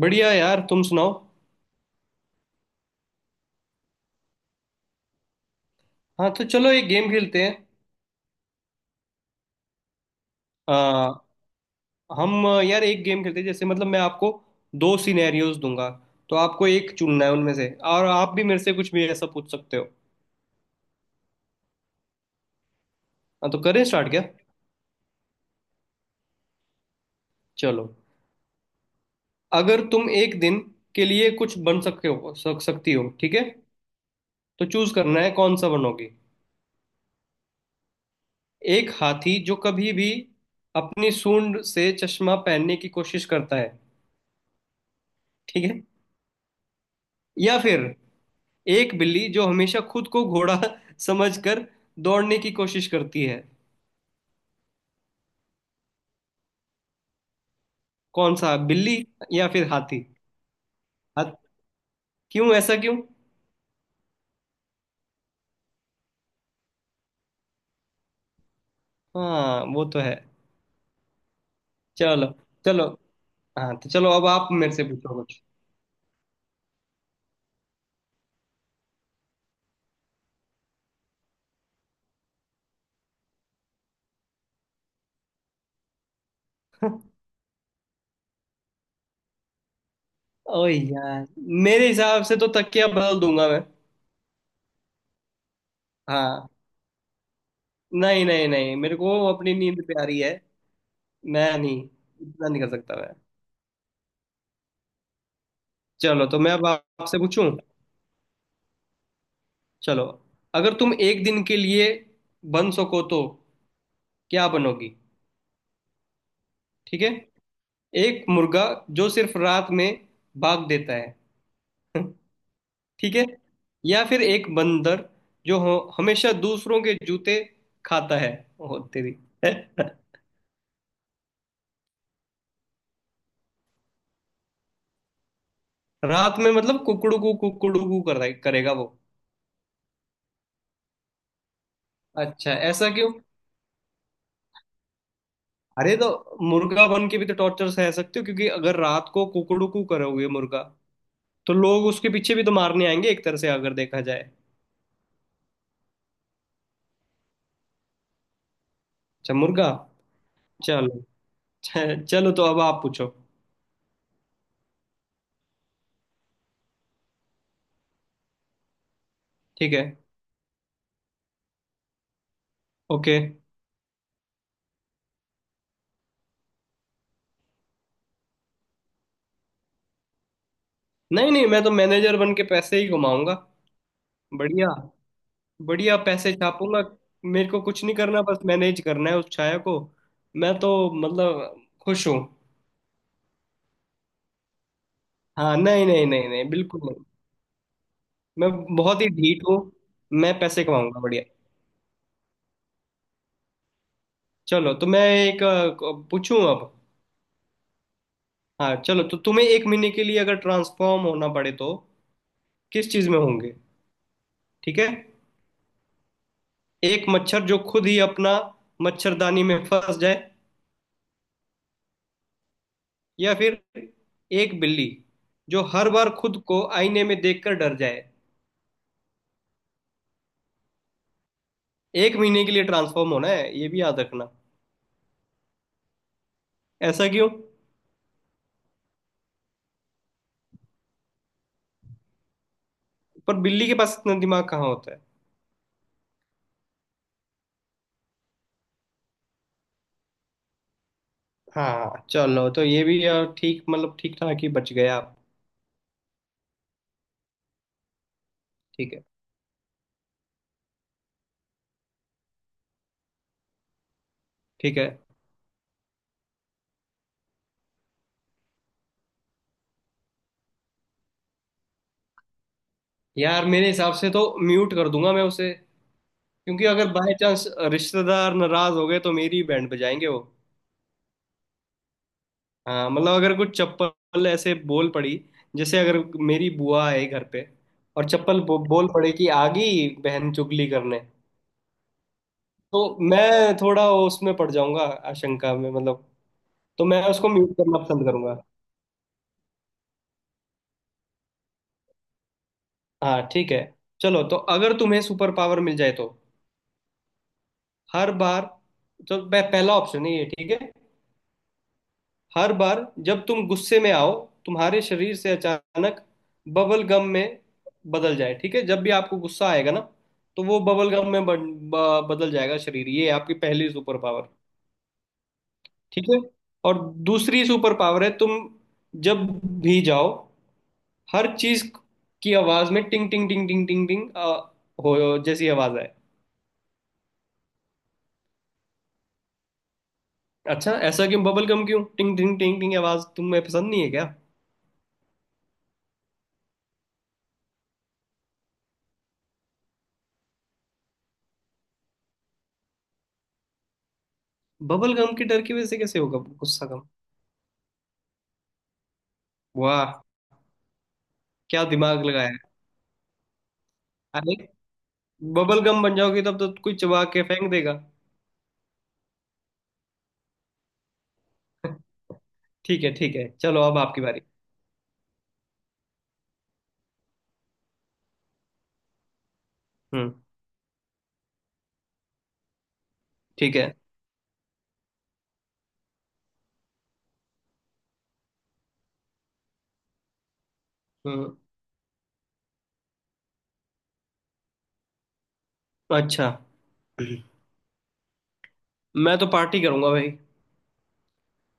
बढ़िया यार, तुम सुनाओ। हाँ, तो चलो एक गेम खेलते हैं। आ, हम यार एक गेम खेलते हैं, जैसे मतलब मैं आपको दो सिनेरियोज दूंगा, तो आपको एक चुनना है उनमें से, और आप भी मेरे से कुछ भी ऐसा पूछ सकते हो। हाँ, तो करें स्टार्ट क्या? चलो, अगर तुम एक दिन के लिए कुछ बन सकते हो, सक सकती हो, ठीक है? तो चूज करना है कौन सा बनोगी। एक हाथी जो कभी भी अपनी सूंड से चश्मा पहनने की कोशिश करता है। ठीक है? या फिर एक बिल्ली जो हमेशा खुद को घोड़ा समझकर दौड़ने की कोशिश करती है। कौन सा, बिल्ली या फिर हाथी? हाथ क्यों, ऐसा क्यों? हाँ, वो तो है। चलो, चलो। हाँ, तो चलो अब आप मेरे से पूछो कुछ। ओ यार, मेरे हिसाब से तो तकिया बदल दूंगा मैं। हाँ। नहीं नहीं नहीं, मेरे को अपनी नींद प्यारी है। मैं नहीं, इतना नहीं कर सकता मैं। चलो तो मैं अब आपसे पूछूं। चलो, अगर तुम एक दिन के लिए बन सको तो क्या बनोगी? ठीक है? एक मुर्गा जो सिर्फ रात में भाग देता है। ठीक है? या फिर एक बंदर जो हमेशा दूसरों के जूते खाता है। ओ तेरी। रात में मतलब कुकड़ू कु करेगा वो। अच्छा, ऐसा क्यों? अरे तो मुर्गा बन के भी तो टॉर्चर सह सकते हो, क्योंकि अगर रात को कुकड़ू कु करोगे मुर्गा, तो लोग उसके पीछे भी तो मारने आएंगे, एक तरह से अगर देखा जाए। अच्छा, मुर्गा। चलो। चलो, तो अब आप पूछो। ठीक है। ओके। नहीं नहीं, मैं तो मैनेजर बन के पैसे ही घुमाऊंगा। बढ़िया, बढ़िया पैसे छापूंगा। मेरे को कुछ नहीं करना, बस मैनेज करना है उस छाया को। मैं तो मतलब खुश हूँ। हाँ, नहीं नहीं नहीं नहीं, बिल्कुल नहीं। मैं बहुत ही ढीठ हूँ। मैं पैसे कमाऊंगा बढ़िया। चलो, तो मैं एक पूछूं अब। हाँ, चलो, तो तुम्हें एक महीने के लिए अगर ट्रांसफॉर्म होना पड़े, तो किस चीज में होंगे? ठीक है? एक मच्छर जो खुद ही अपना मच्छरदानी में फंस जाए, या फिर एक बिल्ली जो हर बार खुद को आईने में देखकर डर जाए। एक महीने के लिए ट्रांसफॉर्म होना है, ये भी याद रखना। ऐसा क्यों? पर बिल्ली के पास इतना दिमाग कहाँ होता है। हाँ चलो, तो ये भी यार ठीक, मतलब ठीक ठाक ही बच गया आप। ठीक है, ठीक है। यार मेरे हिसाब से तो म्यूट कर दूंगा मैं उसे। क्योंकि अगर बाय चांस रिश्तेदार नाराज हो गए, तो मेरी बैंड बजाएंगे वो। हाँ मतलब, अगर कुछ चप्पल ऐसे बोल पड़ी, जैसे अगर मेरी बुआ है घर पे, और चप्पल बोल पड़े कि आ गई बहन चुगली करने, तो मैं थोड़ा उसमें पड़ जाऊंगा, आशंका में मतलब। तो मैं उसको म्यूट करना पसंद करूंगा। हाँ ठीक है। चलो, तो अगर तुम्हें सुपर पावर मिल जाए, तो हर बार, तो पहला ऑप्शन है ये, ठीक है? हर बार जब तुम गुस्से में आओ, तुम्हारे शरीर से अचानक बबल गम में बदल जाए। ठीक है? जब भी आपको गुस्सा आएगा ना, तो वो बबल गम में बदल जाएगा शरीर। ये आपकी पहली सुपर पावर। ठीक है? और दूसरी सुपर पावर है, तुम जब भी जाओ, हर चीज की आवाज में टिंग टिंग टिंग टिंग टिंग टिंग हो जैसी आवाज आए। अच्छा, ऐसा क्यों? बबल गम क्यों? टिंग टिंग टिंग टिंग आवाज तुम्हें पसंद नहीं है क्या? बबल गम के डर की वजह से कैसे होगा गुस्सा कम? वाह, क्या दिमाग लगाया है। अरे, बबल गम बन जाओगी तब तो कोई चबा के फेंक देगा। ठीक है ठीक है, चलो अब आपकी बारी। हम्म। ठीक है। हम्म। अच्छा, मैं तो पार्टी करूंगा भाई।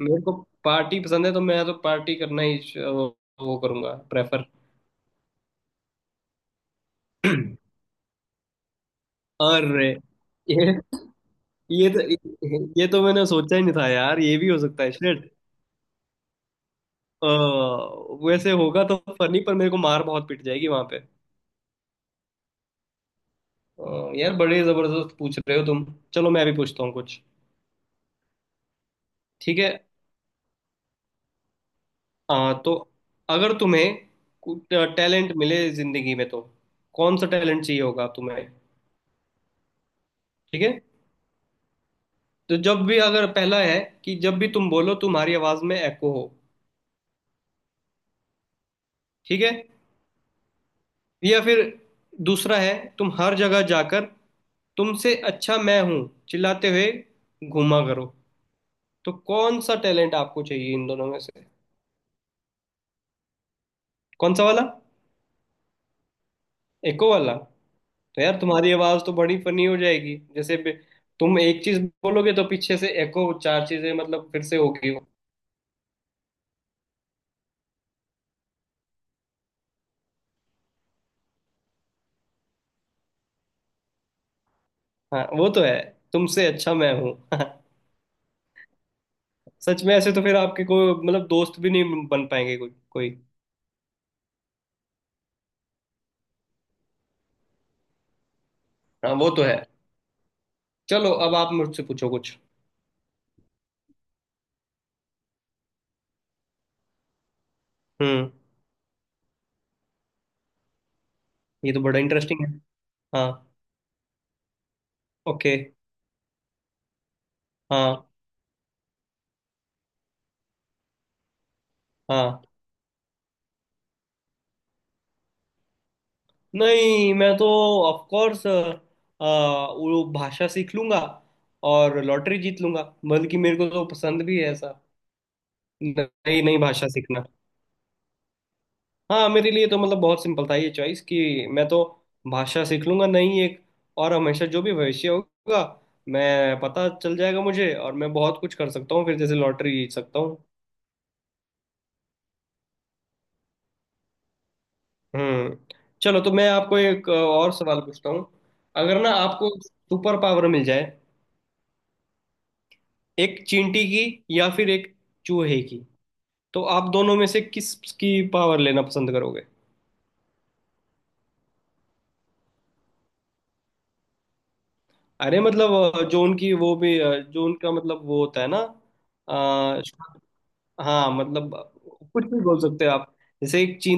मेरे को पार्टी पसंद है, तो मैं तो पार्टी करना ही वो करूंगा प्रेफर। अरे, ये, ये ये तो मैंने सोचा ही नहीं था यार, ये भी हो सकता है, शिट। वैसे होगा तो फनी, पर मेरे को मार बहुत पिट जाएगी वहां पे। यार बड़े जबरदस्त पूछ रहे हो तुम। चलो, मैं भी पूछता हूँ कुछ। ठीक है? तो अगर तुम्हें टैलेंट मिले जिंदगी में, तो कौन सा टैलेंट चाहिए होगा तुम्हें? ठीक है? तो जब भी, अगर पहला है कि जब भी तुम बोलो, तुम्हारी आवाज में एको हो। ठीक है? या फिर दूसरा है, तुम हर जगह जाकर "तुमसे अच्छा मैं हूं" चिल्लाते हुए घूमा करो। तो कौन सा टैलेंट आपको चाहिए इन दोनों में से? कौन सा वाला? एको वाला? तो यार तुम्हारी आवाज तो बड़ी फनी हो जाएगी, जैसे तुम एक चीज बोलोगे तो पीछे से एको, चार चीजें मतलब फिर से होगी। हाँ, वो तो है। तुमसे अच्छा मैं हूँ। सच में ऐसे तो फिर आपके कोई मतलब दोस्त भी नहीं बन पाएंगे, कोई कोई। हाँ वो तो है। चलो, अब आप मुझसे पूछो कुछ। हम्म। ये तो बड़ा इंटरेस्टिंग है। हाँ। ओके। हाँ हाँ। नहीं, मैं तो ऑफ कोर्स वो भाषा सीख लूंगा और लॉटरी जीत लूंगा। बल्कि मेरे को तो पसंद भी है ऐसा, नई नई भाषा सीखना। हाँ, मेरे लिए तो मतलब बहुत सिंपल था ये चॉइस, कि मैं तो भाषा सीख लूंगा नई एक, और हमेशा जो भी भविष्य होगा मैं पता चल जाएगा मुझे, और मैं बहुत कुछ कर सकता हूँ फिर, जैसे लॉटरी जीत सकता हूँ। हम्म। चलो तो मैं आपको एक और सवाल पूछता हूँ। अगर ना आपको सुपर पावर मिल जाए एक चींटी की, या फिर एक चूहे की, तो आप दोनों में से किस की पावर लेना पसंद करोगे? अरे मतलब जो उनकी, वो भी जो उनका मतलब वो होता है ना। आ, हाँ मतलब कुछ भी बोल सकते हो आप। जैसे एक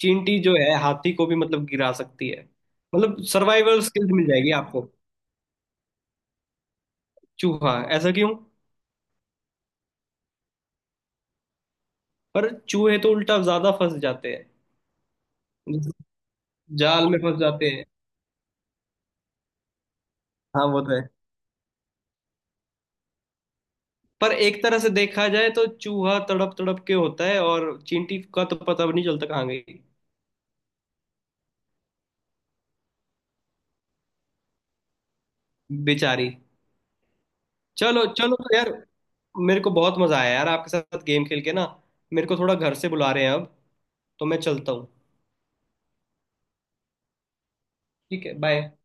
चींटी जो है हाथी को भी मतलब गिरा सकती है। मतलब सर्वाइवल स्किल्स मिल जाएगी आपको। चूहा, ऐसा क्यों? पर चूहे तो उल्टा ज्यादा फंस जाते हैं, जाल में फंस जाते हैं। हाँ वो तो है। पर एक तरह से देखा जाए तो चूहा तड़प तड़प के होता है, और चींटी का तो पता भी नहीं चलता कहाँ गई, बेचारी। चलो, चलो तो यार, मेरे को बहुत मजा आया यार आपके साथ गेम खेल के ना। मेरे को थोड़ा घर से बुला रहे हैं अब, तो मैं चलता हूँ। ठीक है, बाय।